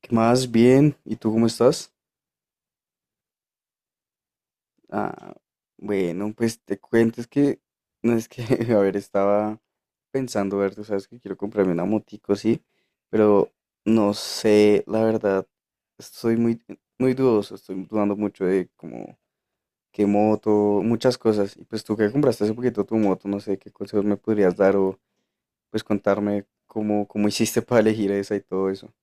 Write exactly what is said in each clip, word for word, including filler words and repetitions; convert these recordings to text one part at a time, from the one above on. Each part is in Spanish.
¿Qué más? Bien. ¿Y tú cómo estás? Ah, bueno, pues te cuento, es que, no es que, a ver, estaba pensando, ver, tú sabes que quiero comprarme una motico, sí, pero no sé, la verdad, estoy muy, muy dudoso, estoy dudando mucho de como qué moto, muchas cosas. Y pues tú que compraste hace poquito tu moto, no sé, qué consejos me podrías dar o pues contarme cómo, cómo hiciste para elegir esa y todo eso.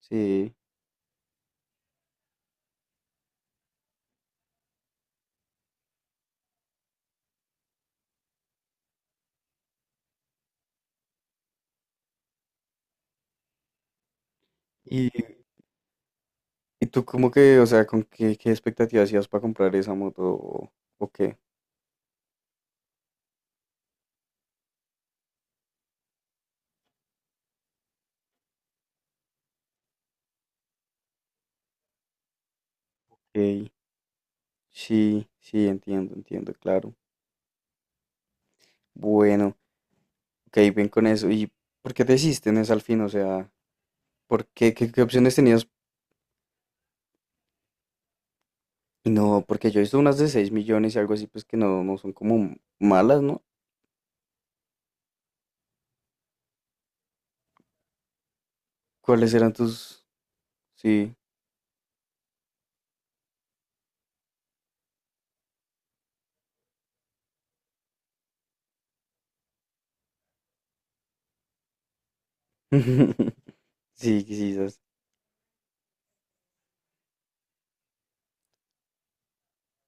Sí. ¿Y tú cómo que, o sea, con qué, qué expectativas hacías para comprar esa moto o, o qué? Ok, sí, sí, entiendo, entiendo, claro. Bueno, ok, bien con eso. ¿Y por qué te hiciste en esa al fin? O sea, ¿por qué, qué, qué opciones tenías? No, porque yo he visto unas de seis millones y algo así, pues que no, no son como malas, ¿no? ¿Cuáles eran tus...? Sí. Sí, quizás.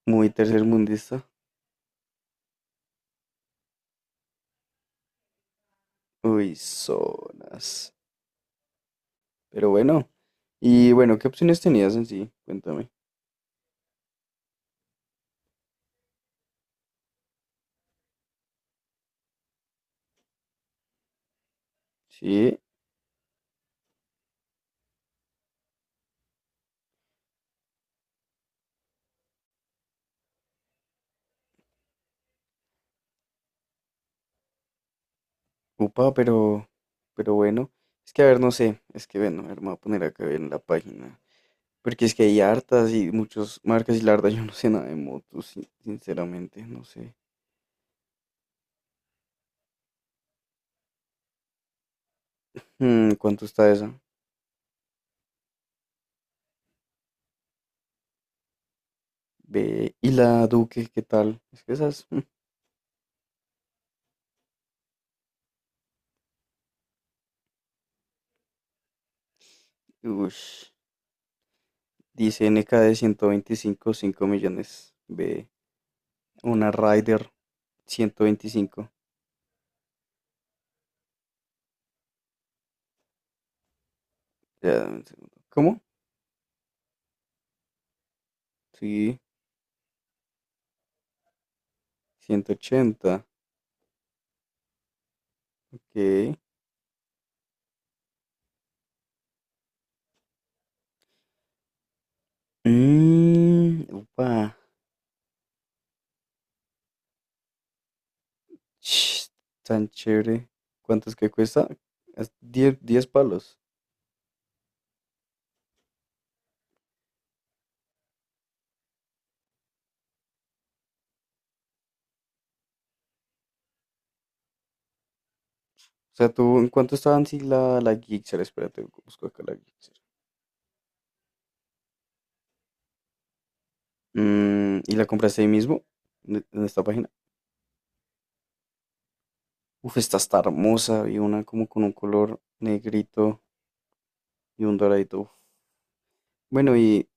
Muy tercermundista. Uy, zonas. Pero bueno. Y bueno, ¿qué opciones tenías en sí? Cuéntame. Sí. Upa, pero, pero bueno, es que a ver, no sé, es que bueno, a ver, me voy a poner acá en la página, porque es que hay hartas y muchas marcas y la verdad yo no sé nada de motos, sin- sinceramente, no sé. Mm, ¿cuánto está esa? Ve, y la Duque, ¿qué tal? Es que esas, ush, dice N K de ciento veinticinco, cinco millones, ve, una Rider ciento veinticinco. Ya, dame un segundo, ¿cómo? Sí, ciento ochenta, ok. Mmm. Ch, tan chévere. ¿Cuánto es que cuesta? Es diez, 10 palos. O sea, tú, ¿en cuánto estaban si la, la Gixxer? Espérate, busco acá la Gixxer. Mm, ¿y la compraste ahí mismo? ¿En en esta página? Uf, esta está hermosa. Y una como con un color negrito y un doradito. Uf. Bueno, y...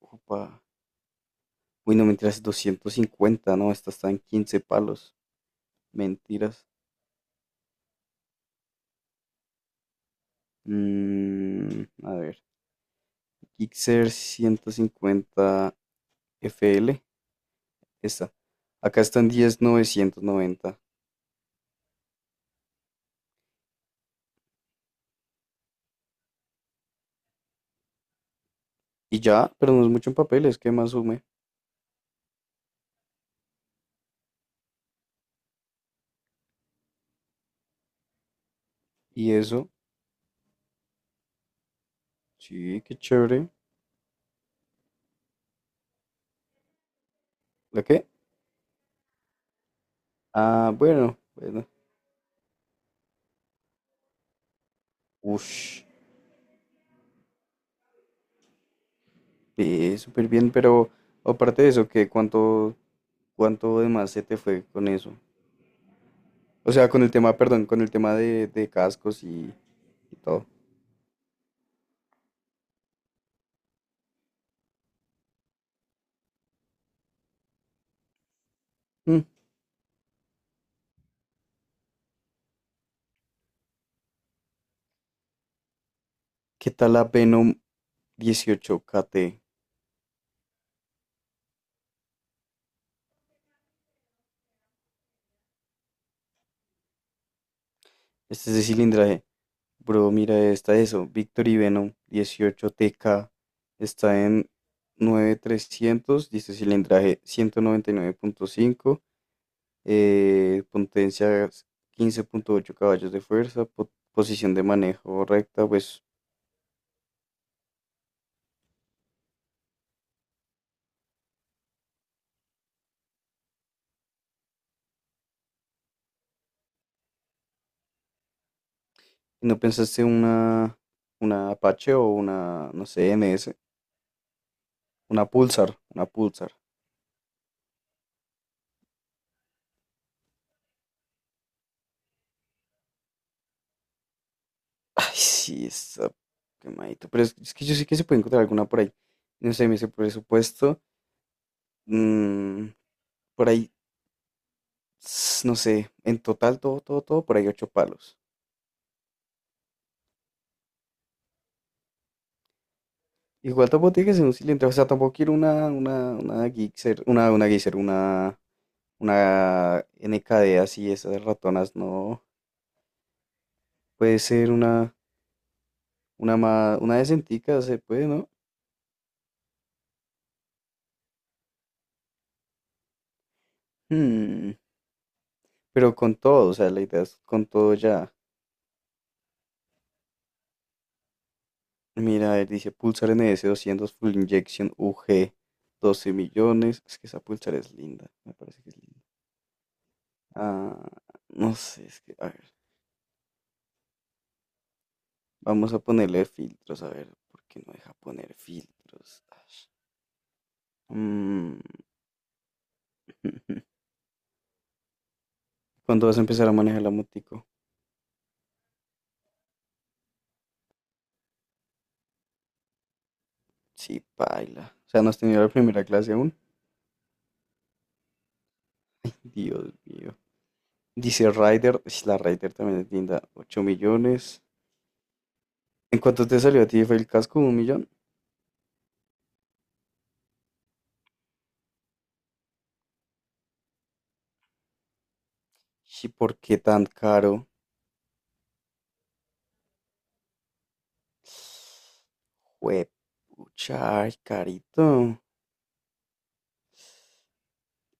Opa. Uy, no, mentiras, doscientos cincuenta, ¿no? Esta está en quince palos. Mentiras. Mm, a ver. Gixxer ciento cincuenta F L. Esta. Acá están diez mil novecientos noventa. Y ya, pero no es mucho en papeles, ¿qué más sume? Y eso, sí, qué chévere. ¿La qué? Ah, bueno, bueno. Ush, ve súper bien, pero aparte de eso, ¿qué? ¿Cuánto, cuánto de más se te fue con eso? O sea, con el tema, perdón, con el tema de, de cascos y, y todo. Mm, ¿qué tal la Venom dieciocho K T? Este es de cilindraje. Bro, mira, esta eso. Victor y Venom dieciocho T K está en nueve mil trescientos, dice cilindraje ciento noventa y nueve punto cinco, eh, potencia quince punto ocho caballos de fuerza, po- posición de manejo recta. Pues, ¿y no pensaste una, una Apache o una, no sé, N S? Una Pulsar, una Pulsar. Ay, sí, está quemadito. Pero es, es que yo sé que se puede encontrar alguna por ahí. No sé, me dice presupuesto. mm, por ahí s- no sé, en total todo, todo, todo, por ahí ocho palos. Igual tampoco tiene que ser un cilindro, o sea, tampoco quiero una, una, una Gixxer, una, una Gixxer, una, una N K D así, esas ratonas, no. Puede ser una, una más, una decentica, se puede, ¿no? Hmm, Pero con todo, o sea, la idea es con todo ya. Mira, él dice Pulsar N S doscientos Full Injection U G, doce millones. Es que esa Pulsar es linda, me parece que es linda. Ah, no sé, es que, a ver. Vamos a ponerle filtros, a ver, ¿por qué no deja poner filtros? Ash. Mm. ¿Cuándo vas a empezar a manejar la motico? Sí, paila. O sea, ¿no has tenido la primera clase aún? Dios mío. Dice rider ish, la rider también es linda, ocho millones. ¿En cuánto te salió a ti? ¿Fue el casco? ¿Un millón? ¿Y por qué tan caro? Juepucha, ay, carito.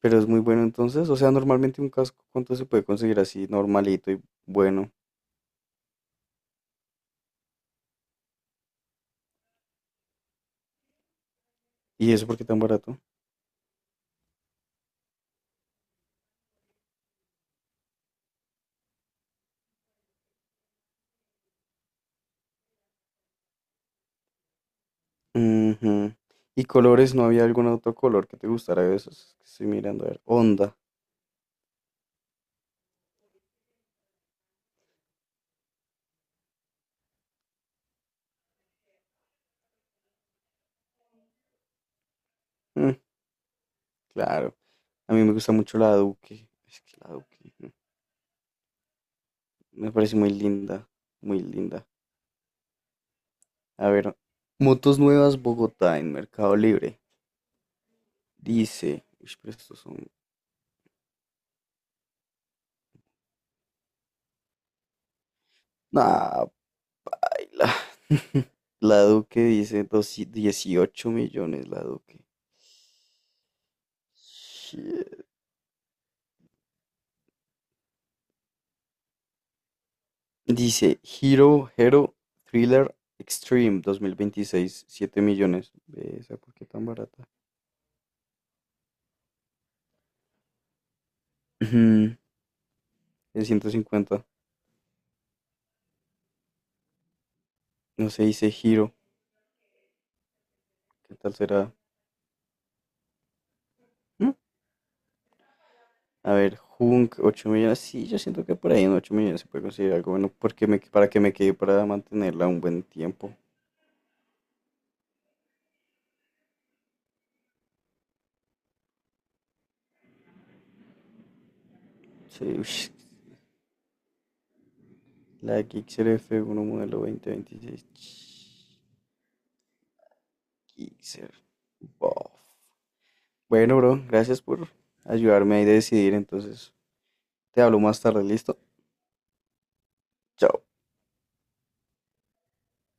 Pero es muy bueno entonces. O sea, normalmente un casco, ¿cuánto se puede conseguir así normalito y bueno? ¿Y eso por qué tan barato? Ujú. ¿Y colores? ¿No había algún otro color que te gustara de esos? Que estoy mirando a ver. Onda. Mm, claro. A mí me gusta mucho la Duque. Es que la Duque mm, me parece muy linda. Muy linda. A ver. Motos nuevas Bogotá en Mercado Libre. Dice. Uy, pero estos son. Nah, baila. La Duque dice doci- dieciocho millones. La Duque. Dice Hero Hero Thriller Extreme dos mil veintiséis, siete millones. Ve esa, ¿por qué tan barata? Ujú. El ciento cincuenta. No sé, dice Hero. ¿Qué tal será? ¿Mm? A ver, Hunk, ocho millones. Sí, yo siento que por ahí en ocho millones se puede conseguir algo bueno porque me, para que me quede para mantenerla un buen tiempo. Sí, ush, la Gixxer F uno modelo dos mil veintiséis. Ch, Gixxer. Bof. Bueno, bro, gracias por ayudarme ahí a decidir entonces. Te hablo más tarde, ¿listo? Chao.